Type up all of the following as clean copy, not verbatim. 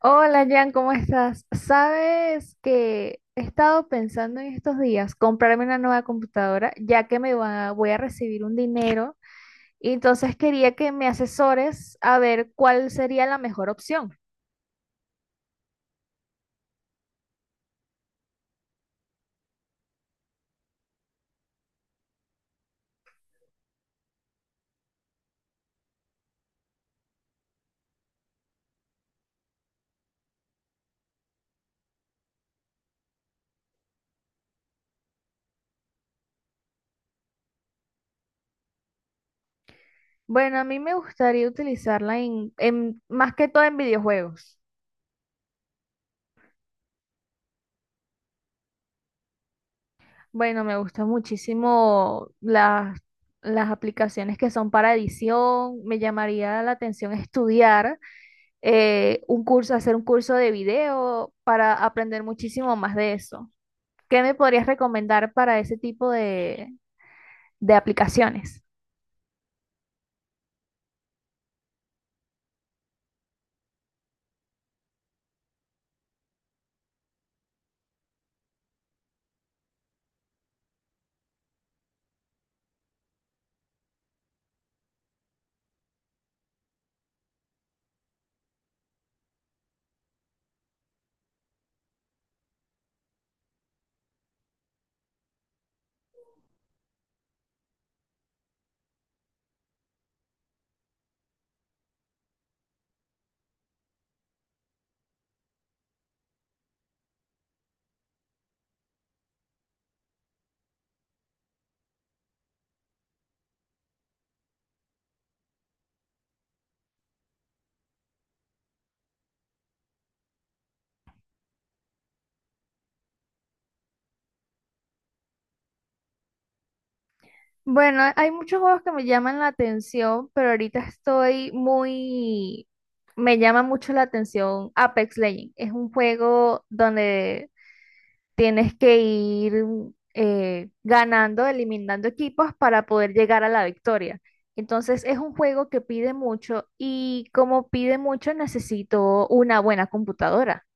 Hola Jan, ¿cómo estás? Sabes que he estado pensando en estos días comprarme una nueva computadora, ya que voy a recibir un dinero, y entonces quería que me asesores a ver cuál sería la mejor opción. Bueno, a mí me gustaría utilizarla más que todo en videojuegos. Bueno, me gustan muchísimo las aplicaciones que son para edición, me llamaría la atención estudiar un curso, hacer un curso de video para aprender muchísimo más de eso. ¿Qué me podrías recomendar para ese tipo de aplicaciones? Bueno, hay muchos juegos que me llaman la atención, pero ahorita estoy muy... Me llama mucho la atención Apex Legends. Es un juego donde tienes que ir ganando, eliminando equipos para poder llegar a la victoria. Entonces es un juego que pide mucho y como pide mucho necesito una buena computadora.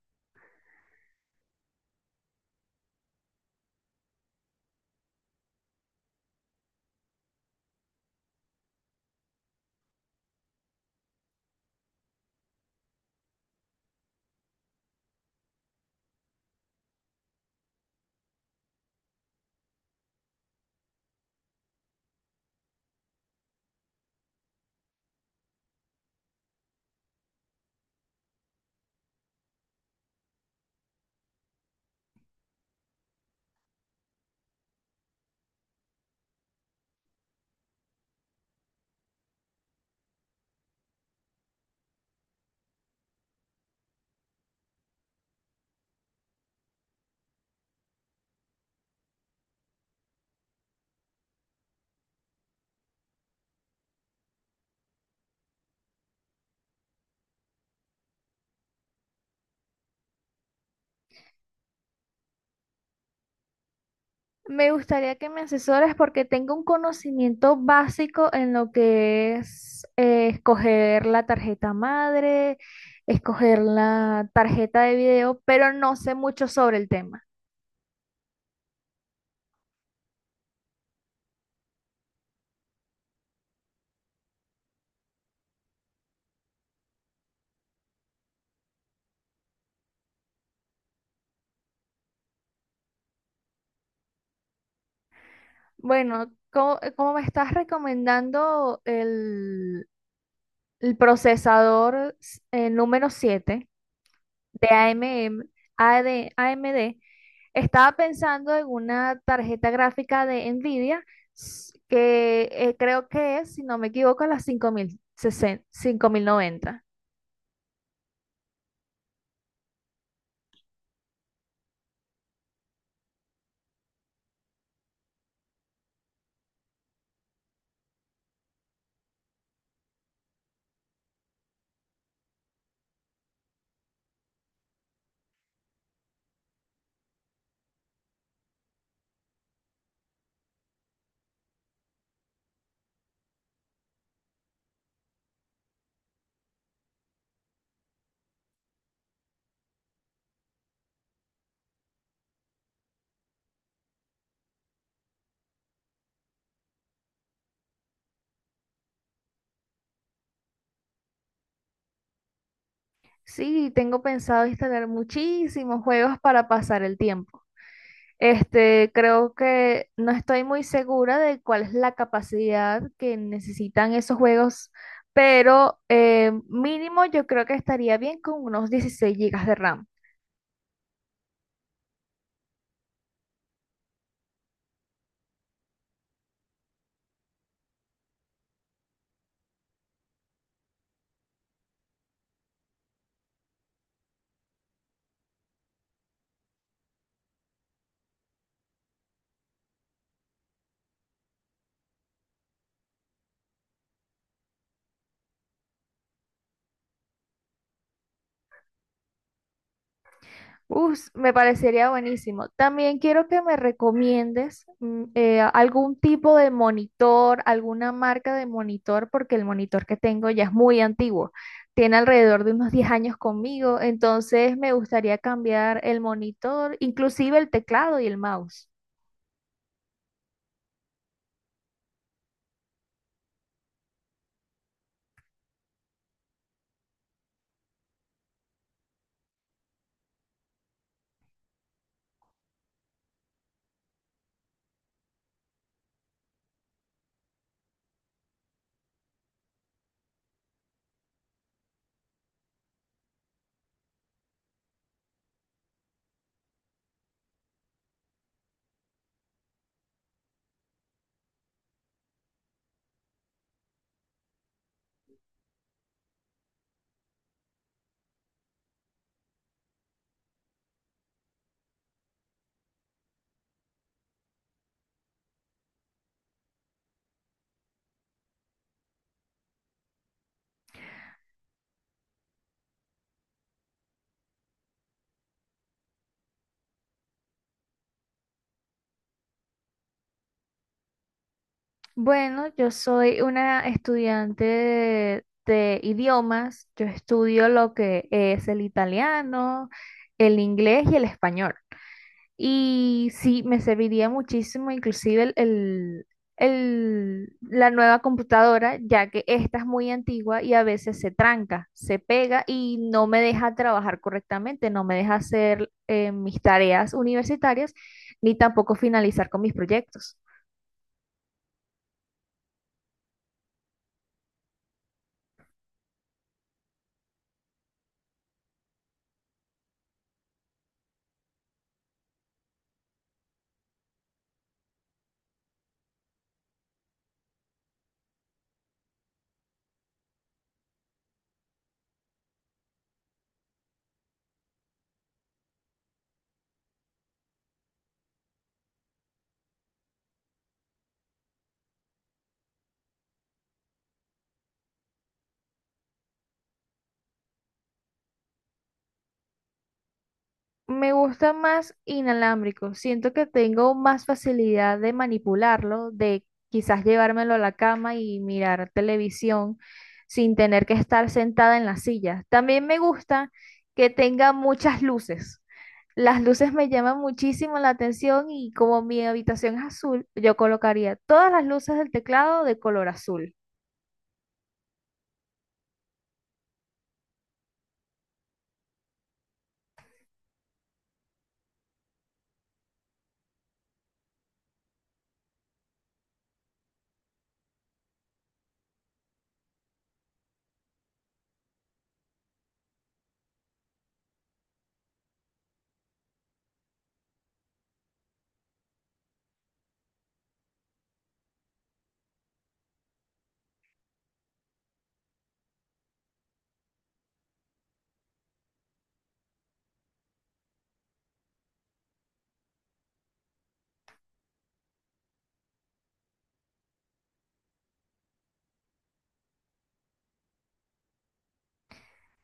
Me gustaría que me asesores porque tengo un conocimiento básico en lo que es escoger la tarjeta madre, escoger la tarjeta de video, pero no sé mucho sobre el tema. Como me estás recomendando el procesador número 7. De AMM, AD AMD, estaba pensando en una tarjeta gráfica de Nvidia s- que creo que es, si no me equivoco, la 5060, 5090. Sí, tengo pensado instalar muchísimos juegos para pasar el tiempo. Este, creo que no estoy muy segura de cuál es la capacidad que necesitan esos juegos, pero mínimo yo creo que estaría bien con unos 16 gigas de RAM. Uf, me parecería buenísimo. También quiero que me recomiendes algún tipo de monitor, alguna marca de monitor, porque el monitor que tengo ya es muy antiguo. Tiene alrededor de unos 10 años conmigo, entonces me gustaría cambiar el monitor, inclusive el teclado y el mouse. Bueno, yo soy una estudiante de idiomas. Yo estudio lo que es el italiano, el inglés y el español. Y sí, me serviría muchísimo inclusive la nueva computadora, ya que esta es muy antigua y a veces se tranca, se pega y no me deja trabajar correctamente, no me deja hacer mis tareas universitarias ni tampoco finalizar con mis proyectos. Me gusta más inalámbrico. Siento que tengo más facilidad de manipularlo, de quizás llevármelo a la cama y mirar televisión sin tener que estar sentada en la silla. También me gusta que tenga muchas luces. Las luces me llaman muchísimo la atención y como mi habitación es azul, yo colocaría todas las luces del teclado de color azul.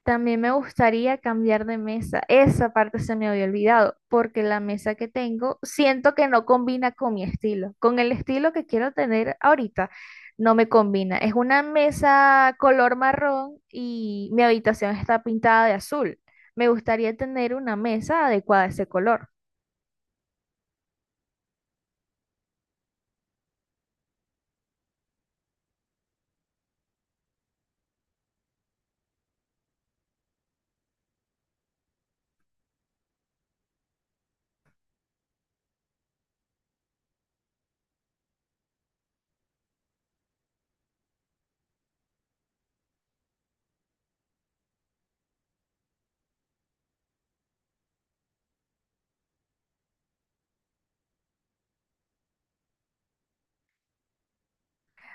También me gustaría cambiar de mesa. Esa parte se me había olvidado, porque la mesa que tengo siento que no combina con mi estilo. Con el estilo que quiero tener ahorita, no me combina. Es una mesa color marrón y mi habitación está pintada de azul. Me gustaría tener una mesa adecuada a ese color.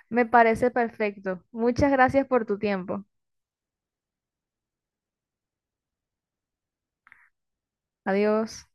Me parece perfecto. Muchas gracias por tu tiempo. Adiós.